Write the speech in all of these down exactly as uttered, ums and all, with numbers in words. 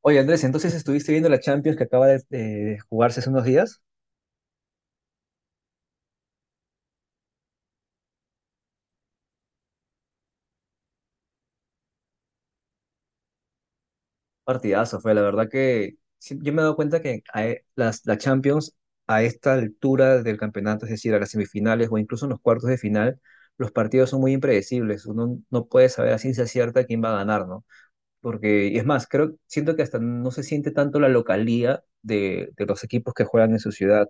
Oye, Andrés, entonces estuviste viendo la Champions que acaba de, de jugarse hace unos días. Partidazo fue, la verdad que sí, yo me he dado cuenta que a e- las, la Champions a esta altura del campeonato, es decir, a las semifinales o incluso en los cuartos de final, los partidos son muy impredecibles. Uno no puede saber a ciencia cierta quién va a ganar, ¿no? Porque, y es más, creo, siento que hasta no se siente tanto la localía de, de los equipos que juegan en su ciudad,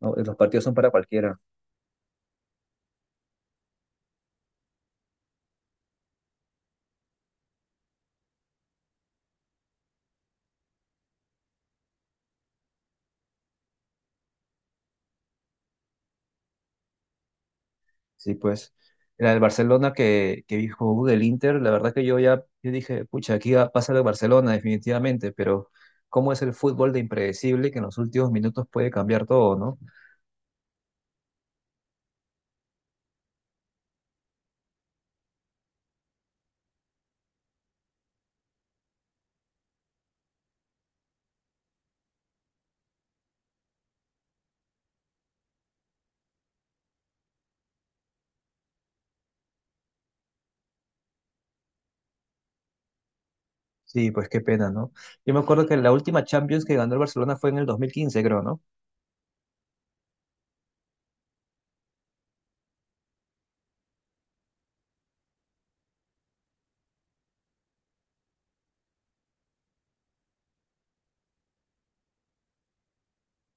¿no? Los partidos son para cualquiera. Sí, pues. La del Barcelona que, que dijo "Uh, del Inter, la verdad que yo ya yo dije, pucha, aquí va a pasar el Barcelona definitivamente, pero cómo es el fútbol de impredecible que en los últimos minutos puede cambiar todo, ¿no? Sí, pues qué pena, ¿no? Yo me acuerdo que la última Champions que ganó el Barcelona fue en el dos mil quince, creo, ¿no?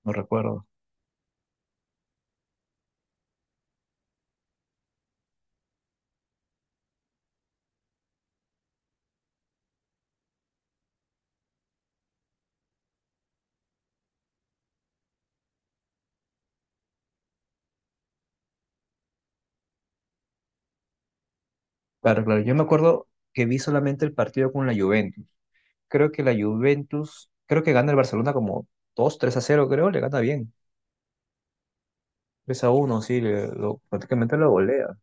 No recuerdo. Claro, claro. Yo me acuerdo que vi solamente el partido con la Juventus. Creo que la Juventus, creo que gana el Barcelona como dos tres a cero, creo, le gana bien. Tres a uno, sí, le- lo- prácticamente lo golea.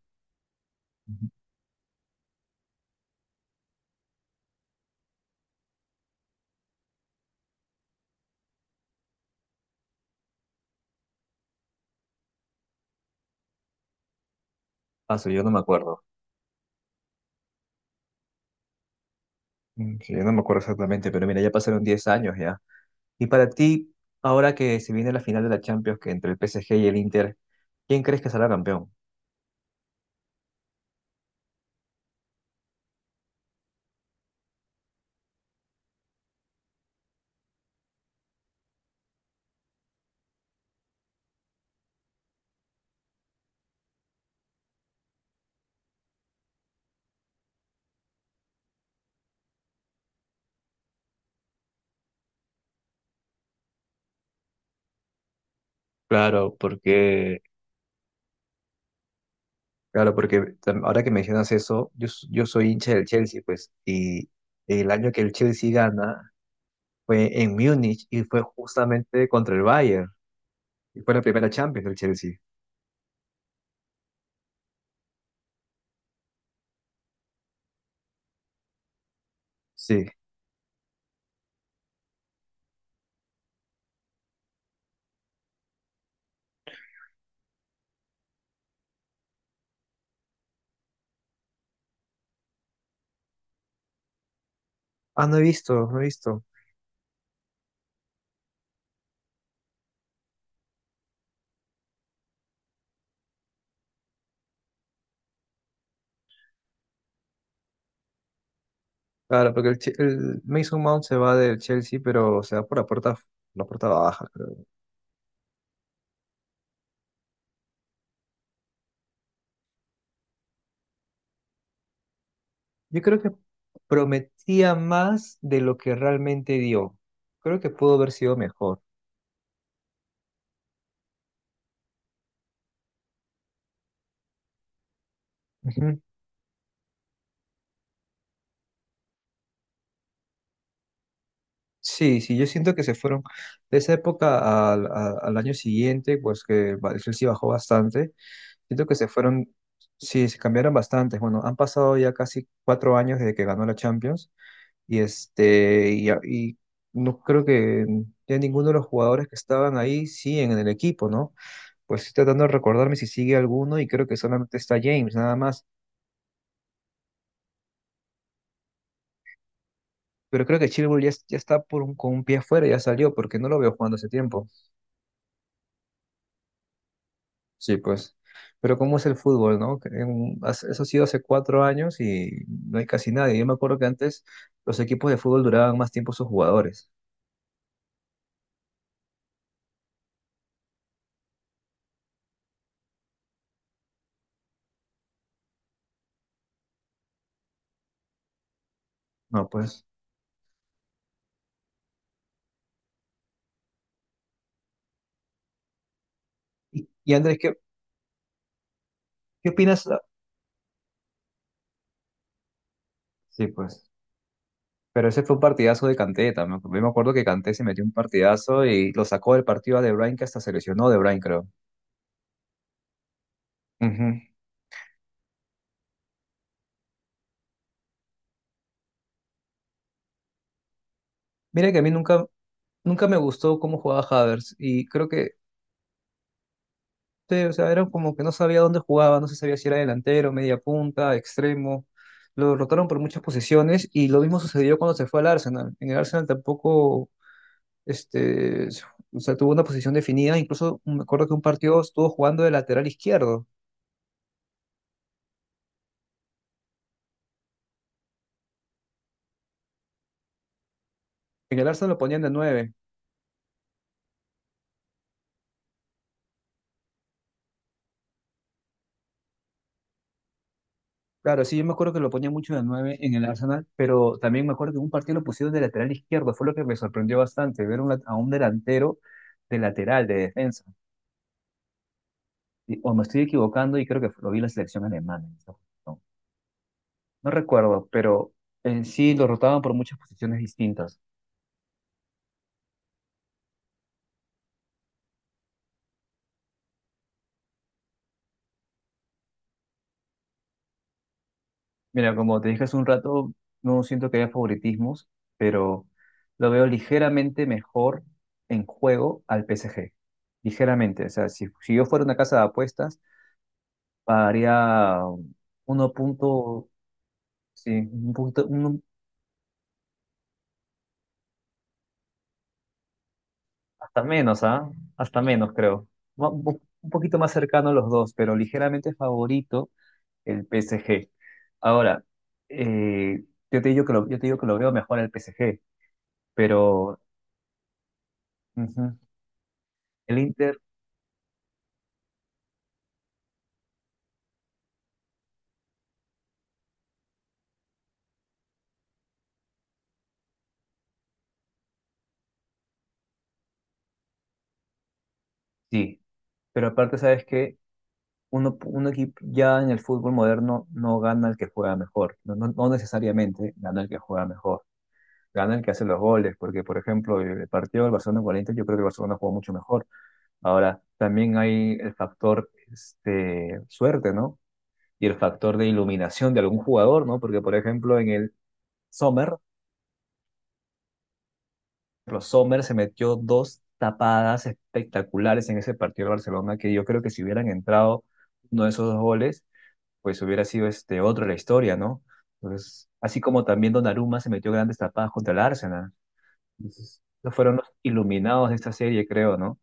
Ah, sí, yo no me acuerdo. Mm, sí, yo no me acuerdo exactamente, pero mira, ya pasaron diez años ya. Y para ti, ahora que se viene la final de la Champions, que entre el P S G y el Inter, ¿quién crees que será campeón? Claro, porque, claro, porque tam- ahora que mencionas eso, yo, s- yo soy hincha del Chelsea, pues, y el año que el Chelsea gana fue en Múnich y fue justamente contra el Bayern. Y fue la primera Champions del Chelsea. Sí. Ah, no he visto, no he visto. Claro, porque el, Che- el Mason Mount se va del Chelsea, pero se va por la puerta, la puerta baja, creo. Yo creo que prometía más de lo que realmente dio. Creo que pudo haber sido mejor. Ujú. Sí, sí, yo siento que se fueron de esa época al, a- al año siguiente, pues que ba- el Chelsea bajó bastante. Siento que se fueron, sí, se cambiaron bastante. Bueno, han pasado ya casi cuatro años desde que ganó la Champions. Y este, y, a- y no creo que ya ninguno de los jugadores que estaban ahí siguen en el equipo, ¿no? Pues estoy tratando de recordarme si sigue alguno y creo que solamente está James, nada más. Pero creo que Chilwell ya, es- ya está por un- con un pie afuera, ya salió, porque no lo veo jugando hace tiempo. Sí, pues. Pero cómo es el fútbol, ¿no? Que en- hace- eso ha sido hace cuatro años y no hay casi nadie. Yo me acuerdo que antes los equipos de fútbol duraban más tiempo sus jugadores. No, pues. Y, y Andrés, ¿qué, qué opinas? Sí, pues. Pero ese fue un partidazo de Kanté también. Yo me acuerdo que Kanté se metió un partidazo y lo sacó del partido a De Bruyne, que hasta se lesionó De Bruyne, creo. Ujú. Mira que a mí nunca, nunca me gustó cómo jugaba Havertz y creo que, sí, o sea, era como que no sabía dónde jugaba, no se sabía si era delantero, media punta, extremo. Lo rotaron por muchas posiciones y lo mismo sucedió cuando se fue al Arsenal. En el Arsenal tampoco, este, o sea, tuvo una posición definida. Incluso me acuerdo que un partido estuvo jugando de lateral izquierdo. En el Arsenal lo ponían de nueve. Claro, sí, yo me acuerdo que lo ponía mucho de nueve en el Arsenal, pero también me acuerdo que en un partido lo pusieron de lateral izquierdo, fue lo que me sorprendió bastante, ver un lat- a un delantero de lateral, de defensa. Y- o me estoy equivocando y creo que lo vi en la selección alemana. En esa. No recuerdo, pero en sí lo rotaban por muchas posiciones distintas. Mira, como te dije hace un rato, no siento que haya favoritismos, pero lo veo ligeramente mejor en juego al P S G. Ligeramente, o sea, si, si yo fuera una casa de apuestas, pagaría uno punto, sí, un poquito, un- hasta menos, ¿ah? Hasta menos, creo. Ma- Un po- un poquito más cercano a los dos, pero ligeramente favorito el P S G. Ahora, eh, yo te digo que lo, yo te digo que lo veo mejor al P S G, pero. Ujú. El Inter. Sí. Pero aparte, ¿sabes que Uno, un equipo ya en el fútbol moderno no gana el que juega mejor, no, no no necesariamente gana el que juega mejor? Gana el que hace los goles, porque por ejemplo el partido del Barcelona con el Inter, yo creo que el Barcelona jugó mucho mejor. Ahora, también hay el factor este, suerte, ¿no? Y el factor de iluminación de algún jugador, ¿no? Porque por ejemplo en el Sommer, los Sommer se metió dos tapadas espectaculares en ese partido del Barcelona, que yo creo que si hubieran entrado uno de esos dos goles, pues hubiera sido este otro la historia, ¿no? Entonces, así como también Donnarumma se metió grandes tapadas contra el Arsenal. Entonces, esos fueron los iluminados de esta serie, creo, ¿no?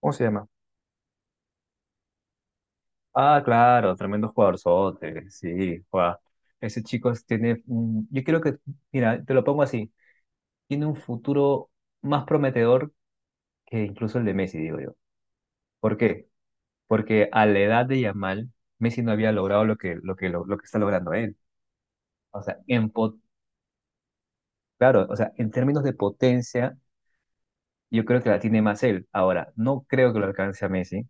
¿Cómo se llama? Ah, claro, tremendo jugadorzote, sí, guau. Ese chico tiene, un- yo creo que, mira, te lo pongo así, tiene un futuro más prometedor que incluso el de Messi, digo yo. ¿Por qué? Porque a la edad de Yamal, Messi no había logrado lo que, lo que, lo, lo que está logrando él. O sea, en, po- claro, o sea, en términos de potencia, yo creo que la tiene más él. Ahora, no creo que lo alcance a Messi,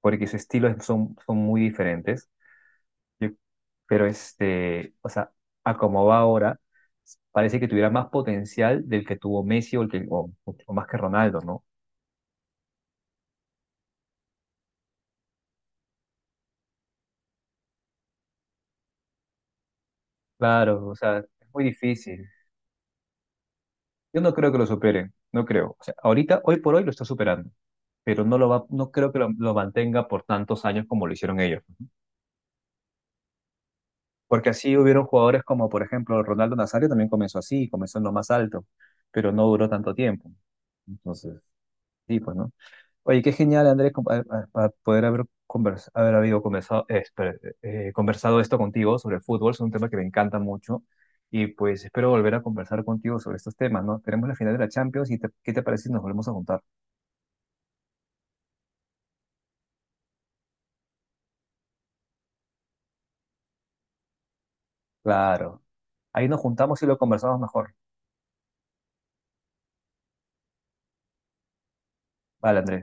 porque sus estilos son, son muy diferentes. Yo- Pero este, o sea, a como va ahora, parece que tuviera más potencial del que tuvo Messi o, el que, o, o más que Ronaldo, ¿no? Claro, o sea, es muy difícil. Yo no creo que lo superen, no creo. O sea, ahorita, hoy por hoy lo está superando, pero no lo va, no creo que lo, lo mantenga por tantos años como lo hicieron ellos. Porque así hubieron jugadores como, por ejemplo, Ronaldo Nazario también comenzó así, comenzó en lo más alto, pero no duró tanto tiempo. Entonces, sí, pues, ¿no? Oye, qué genial, Andrés, com- a- a- para poder haber, convers- haber habido conversado, eh, espera, eh, conversado esto contigo sobre el fútbol. Es un tema que me encanta mucho y pues espero volver a conversar contigo sobre estos temas, ¿no? Tenemos la final de la Champions y te- ¿qué te parece si nos volvemos a juntar? Claro, ahí nos juntamos y lo conversamos mejor. Vale, Andrés.